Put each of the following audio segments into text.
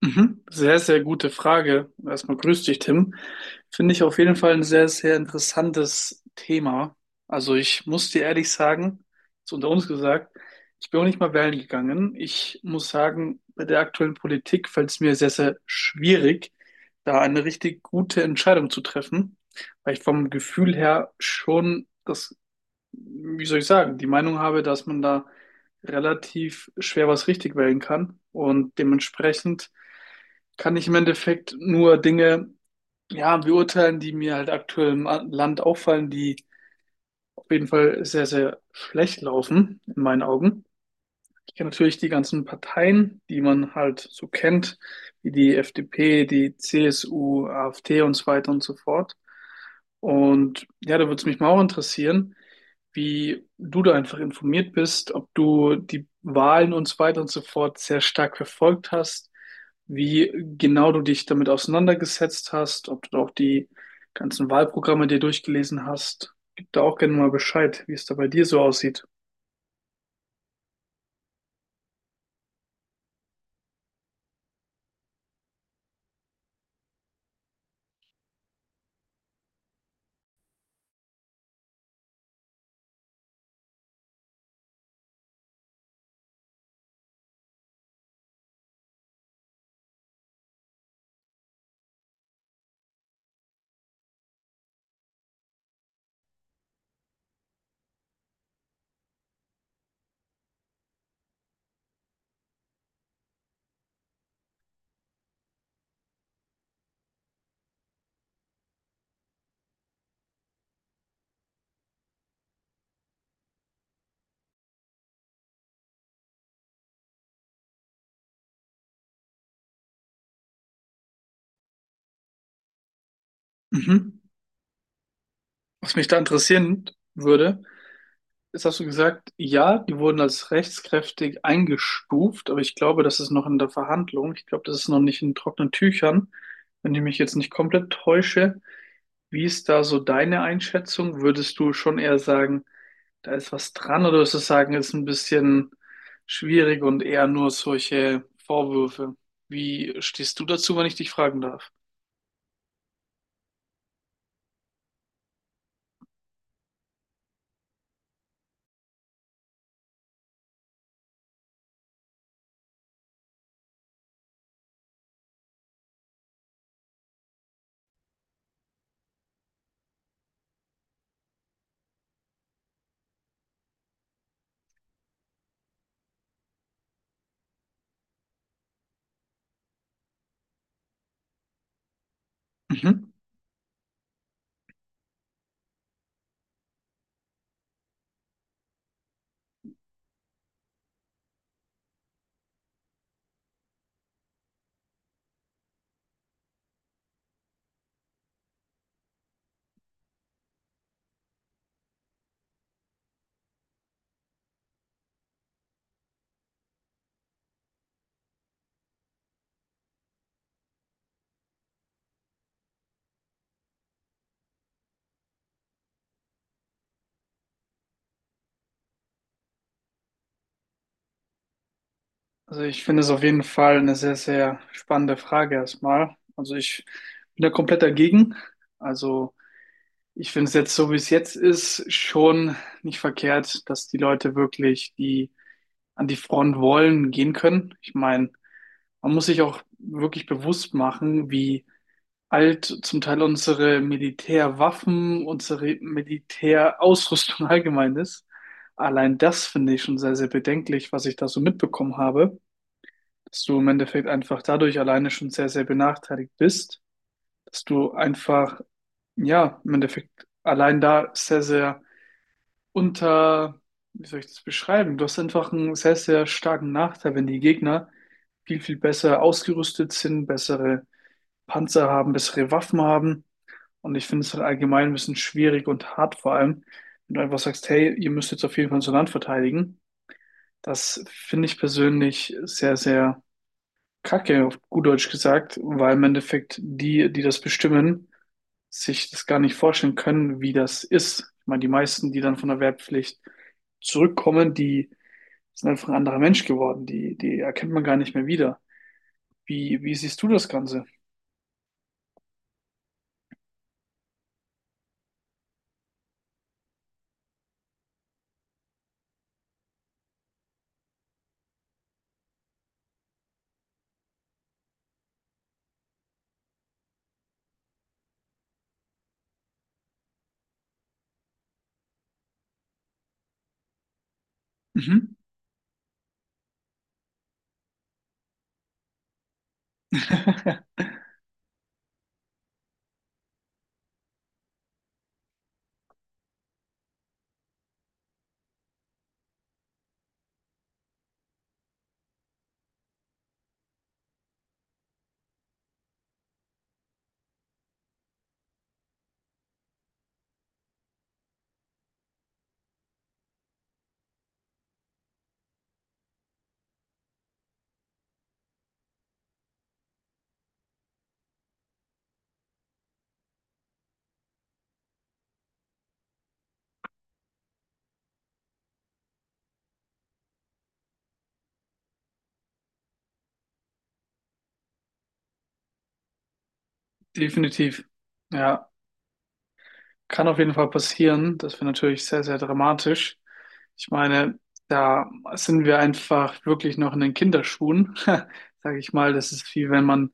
Mhm. Sehr, sehr gute Frage. Erstmal grüß dich, Tim. Finde ich auf jeden Fall ein sehr, sehr interessantes Thema. Also ich muss dir ehrlich sagen, ist unter uns gesagt, ich bin auch nicht mal wählen gegangen. Ich muss sagen, bei der aktuellen Politik fällt es mir sehr, sehr schwierig, da eine richtig gute Entscheidung zu treffen, weil ich vom Gefühl her schon das, wie soll ich sagen, die Meinung habe, dass man da relativ schwer was richtig wählen kann und dementsprechend kann ich im Endeffekt nur Dinge, ja, beurteilen, die mir halt aktuell im Land auffallen, die auf jeden Fall sehr, sehr schlecht laufen, in meinen Augen. Ich kenne natürlich die ganzen Parteien, die man halt so kennt, wie die FDP, die CSU, AfD und so weiter und so fort. Und ja, da würde es mich mal auch interessieren, wie du da einfach informiert bist, ob du die Wahlen und so weiter und so fort sehr stark verfolgt hast, wie genau du dich damit auseinandergesetzt hast, ob du auch die ganzen Wahlprogramme dir durchgelesen hast. Gib da auch gerne mal Bescheid, wie es da bei dir so aussieht. Mhm. Was mich da interessieren würde, ist, hast du gesagt, ja, die wurden als rechtskräftig eingestuft, aber ich glaube, das ist noch in der Verhandlung. Ich glaube, das ist noch nicht in trockenen Tüchern, wenn ich mich jetzt nicht komplett täusche. Wie ist da so deine Einschätzung? Würdest du schon eher sagen, da ist was dran, oder würdest du sagen, ist ein bisschen schwierig und eher nur solche Vorwürfe? Wie stehst du dazu, wenn ich dich fragen darf? Mhm. Also ich finde es auf jeden Fall eine sehr, sehr spannende Frage erstmal. Also ich bin da komplett dagegen. Also ich finde es jetzt so, wie es jetzt ist, schon nicht verkehrt, dass die Leute wirklich, die an die Front wollen, gehen können. Ich meine, man muss sich auch wirklich bewusst machen, wie alt zum Teil unsere Militärwaffen, unsere Militärausrüstung allgemein ist. Allein das finde ich schon sehr, sehr bedenklich, was ich da so mitbekommen habe, dass du im Endeffekt einfach dadurch alleine schon sehr, sehr benachteiligt bist, dass du einfach, ja, im Endeffekt allein da sehr, sehr unter, wie soll ich das beschreiben? Du hast einfach einen sehr, sehr starken Nachteil, wenn die Gegner viel, viel besser ausgerüstet sind, bessere Panzer haben, bessere Waffen haben. Und ich finde es halt allgemein ein bisschen schwierig und hart, vor allem, wenn du einfach sagst, hey, ihr müsst jetzt auf jeden Fall unser Land verteidigen. Das finde ich persönlich sehr, sehr Kacke, auf gut Deutsch gesagt, weil im Endeffekt die, die das bestimmen, sich das gar nicht vorstellen können, wie das ist. Ich meine, die meisten, die dann von der Wehrpflicht zurückkommen, die sind einfach ein anderer Mensch geworden. Die erkennt man gar nicht mehr wieder. Wie siehst du das Ganze? Mhm. Definitiv. Ja. Kann auf jeden Fall passieren. Das wäre natürlich sehr, sehr dramatisch. Ich meine, da sind wir einfach wirklich noch in den Kinderschuhen, sage ich mal. Das ist, wie wenn man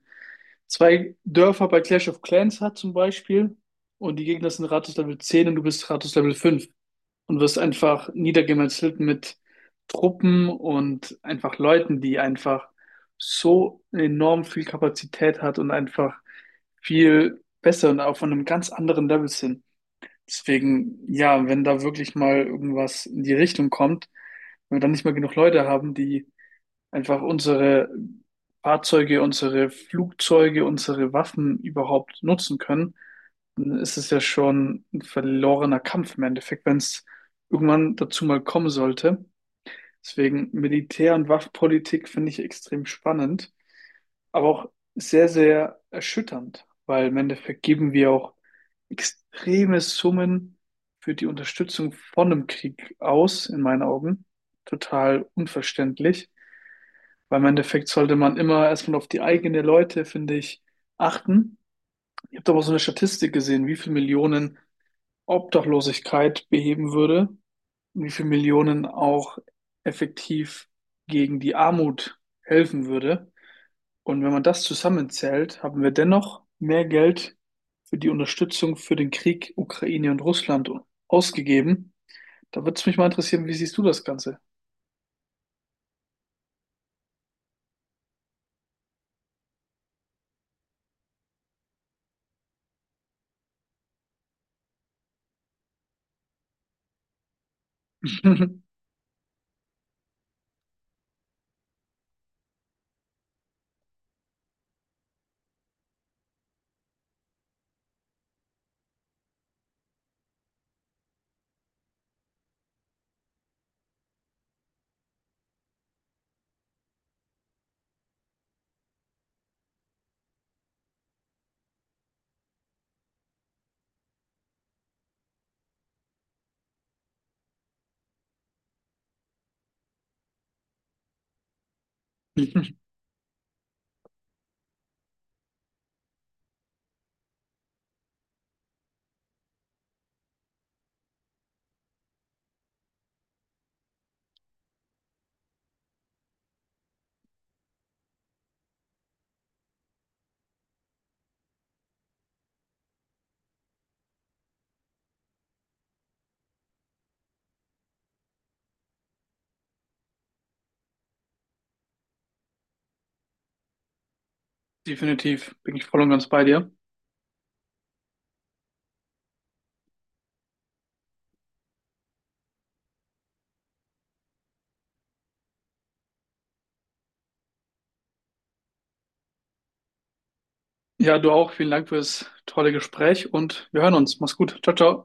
zwei Dörfer bei Clash of Clans hat zum Beispiel und die Gegner sind Rathaus Level 10 und du bist Rathaus Level 5 und wirst einfach niedergemetzelt mit Truppen und einfach Leuten, die einfach so enorm viel Kapazität hat und einfach viel besser und auch von einem ganz anderen Level sind. Deswegen, ja, wenn da wirklich mal irgendwas in die Richtung kommt, wenn wir dann nicht mehr genug Leute haben, die einfach unsere Fahrzeuge, unsere Flugzeuge, unsere Waffen überhaupt nutzen können, dann ist es ja schon ein verlorener Kampf im Endeffekt, wenn es irgendwann dazu mal kommen sollte. Deswegen Militär- und Waffenpolitik finde ich extrem spannend, aber auch sehr, sehr erschütternd, weil im Endeffekt geben wir auch extreme Summen für die Unterstützung von einem Krieg aus, in meinen Augen. Total unverständlich, weil im Endeffekt sollte man immer erstmal auf die eigenen Leute, finde ich, achten. Ich habe da mal so eine Statistik gesehen, wie viele Millionen Obdachlosigkeit beheben würde und wie viele Millionen auch effektiv gegen die Armut helfen würde. Und wenn man das zusammenzählt, haben wir dennoch mehr Geld für die Unterstützung für den Krieg Ukraine und Russland ausgegeben. Da würde es mich mal interessieren, wie siehst du das Ganze? Definitiv, bin ich voll und ganz bei dir. Ja, du auch. Vielen Dank für das tolle Gespräch und wir hören uns. Mach's gut. Ciao, ciao.